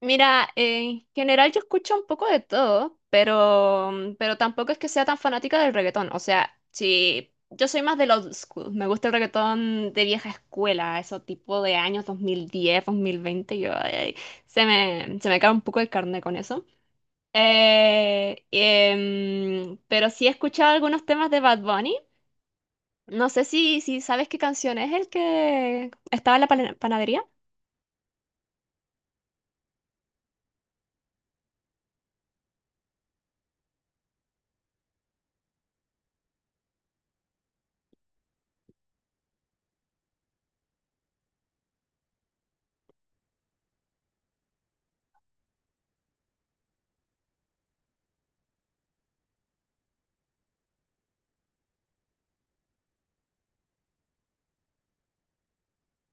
Mira, en general yo escucho un poco de todo, pero tampoco es que sea tan fanática del reggaetón. O sea, si yo soy más del old school, me gusta el reggaetón de vieja escuela, eso tipo de años 2010, 2020, yo ay, se me cae un poco el carne con eso. Pero sí he escuchado algunos temas de Bad Bunny. No sé si sabes qué canción es el que estaba en la panadería.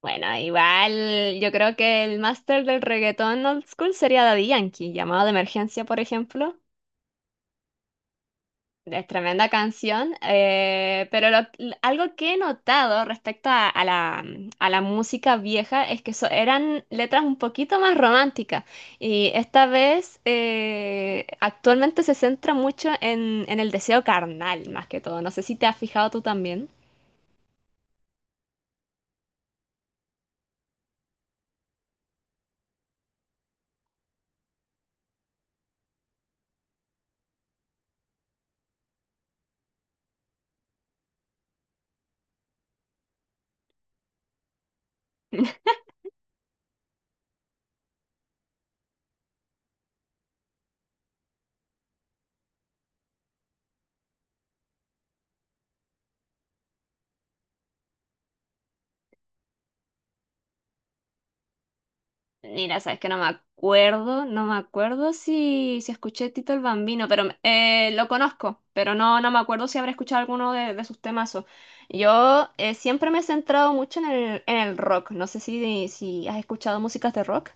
Bueno, igual yo creo que el máster del reggaetón old school sería Daddy Yankee, llamado de emergencia, por ejemplo. Es tremenda canción, pero lo- l- algo que he notado respecto a la música vieja es que eran letras un poquito más románticas y esta vez actualmente se centra mucho en el deseo carnal, más que todo. No sé si te has fijado tú también. Mira, sabes que no me acuerdo si escuché Tito el Bambino, lo conozco, pero no, no me acuerdo si habré escuchado alguno de sus temazos. Yo siempre me he centrado mucho en el rock, no sé si has escuchado músicas de rock.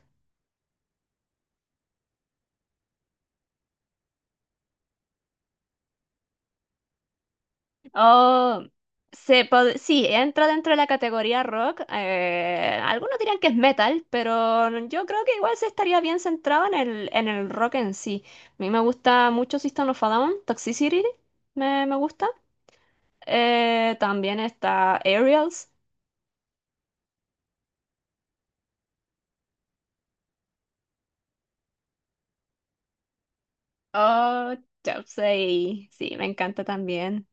Oh, sí, entra dentro de la categoría rock. Algunos dirán que es metal, pero yo creo que igual se estaría bien centrado en el rock en sí. A mí me gusta mucho System of a Down, Toxicity, me gusta. También está Aerials. Oh, Chelsea. Sí, me encanta también.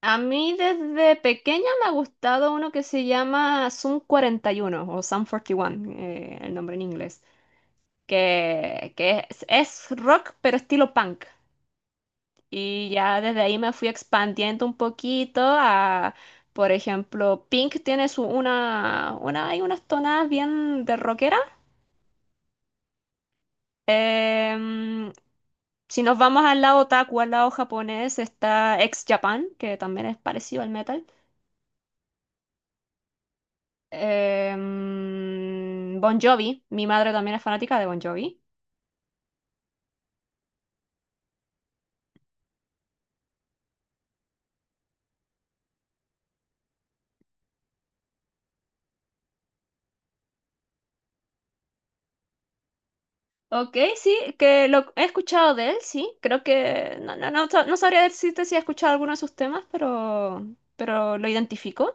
A mí desde pequeña me ha gustado uno que se llama Sum 41 o Sum 41, el nombre en inglés, es rock pero estilo punk. Y ya desde ahí me fui expandiendo un poquito a, por ejemplo, Pink tiene una, hay unas tonadas bien de rockera. Em, si nos vamos al lado otaku, al lado japonés, está Ex Japan, que también es parecido al metal. Bon Jovi, mi madre también es fanática de Bon Jovi. Ok, sí, que lo he escuchado de él, sí. Creo que no sabría decirte si he escuchado alguno de sus temas, pero lo identifico.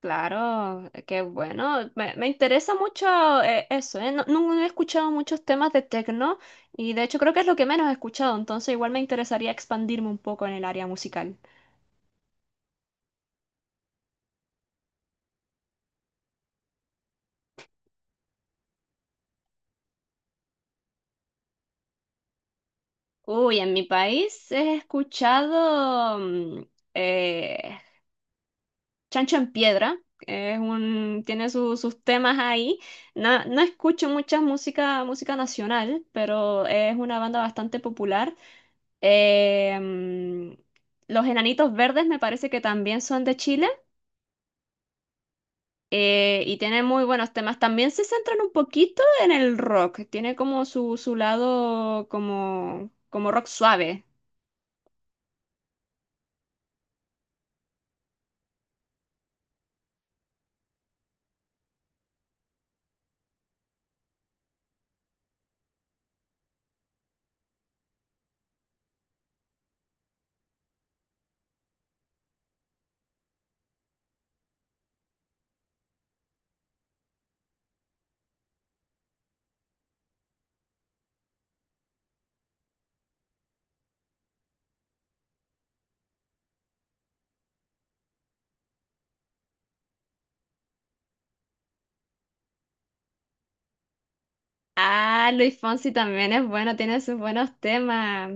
Claro, qué bueno. Me interesa mucho eso, ¿eh? No, no no he escuchado muchos temas de techno y de hecho creo que es lo que menos he escuchado, entonces igual me interesaría expandirme un poco en el área musical. Uy, en mi país he escuchado eh, Chancho en Piedra, que es un, tiene sus temas ahí. No, no escucho mucha música, música nacional, pero es una banda bastante popular. Em, los Enanitos Verdes me parece que también son de Chile y tienen muy buenos temas. También se centran un poquito en el rock. Tiene como su lado como, como rock suave. Ah, Luis Fonsi también es bueno, tiene sus buenos temas.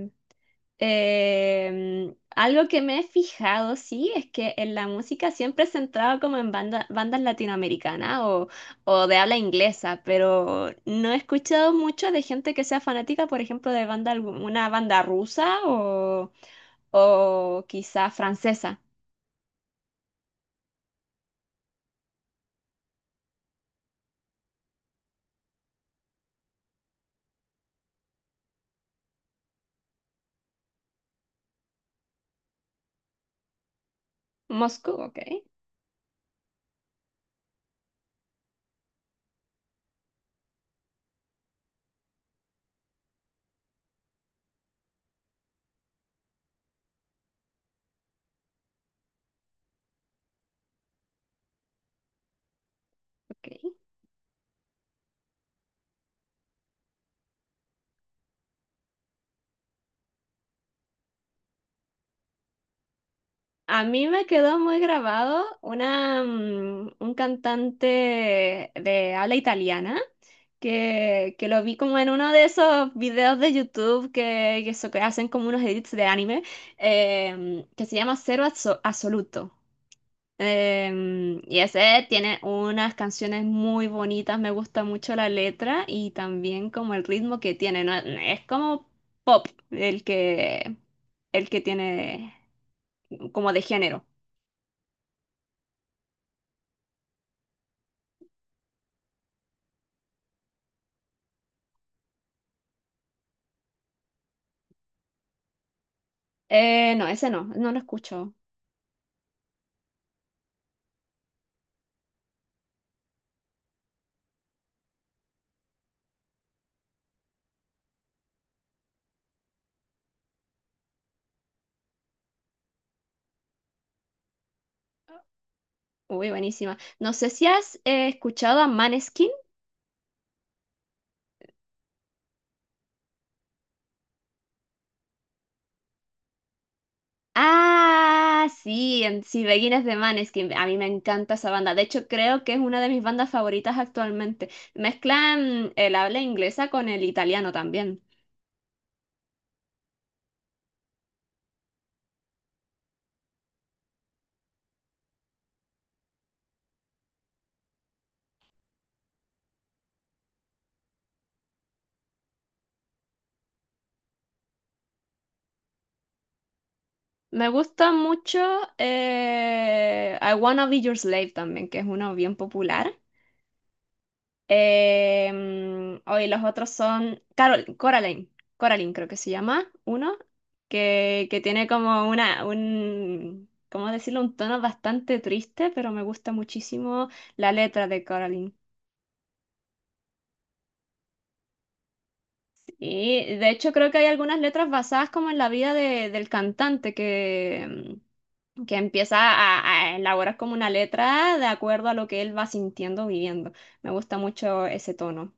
Algo que me he fijado, sí, es que en la música siempre se centrado como en bandas latinoamericanas o de habla inglesa, pero no he escuchado mucho de gente que sea fanática, por ejemplo, de banda, una banda rusa o quizá francesa. Moscú, ok. A mí me quedó muy grabado una, un cantante de habla italiana que lo vi como en uno de esos videos de YouTube que hacen como unos edits de anime que se llama Cero Absoluto. Y ese tiene unas canciones muy bonitas, me gusta mucho la letra y también como el ritmo que tiene, ¿no? Es como pop el que tiene como de género. No, ese no, no lo escucho. Uy, buenísima. No sé si has escuchado a Maneskin. Ah, sí, en, sí, Beginners de Maneskin. A mí me encanta esa banda. De hecho, creo que es una de mis bandas favoritas actualmente. Mezclan el habla inglesa con el italiano también. Me gusta mucho I Wanna Be Your Slave también, que es uno bien popular. Hoy los otros son Carol, Coraline, Coraline creo que se llama, uno que tiene como un, ¿cómo decirlo? Un tono bastante triste, pero me gusta muchísimo la letra de Coraline. Y de hecho creo que hay algunas letras basadas como en la vida del cantante que que empieza a elaborar como una letra de acuerdo a lo que él va sintiendo, viviendo. Me gusta mucho ese tono.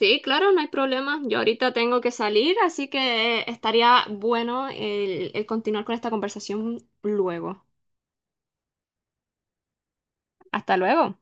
Sí, claro, no hay problema. Yo ahorita tengo que salir, así que estaría bueno el continuar con esta conversación luego. Hasta luego.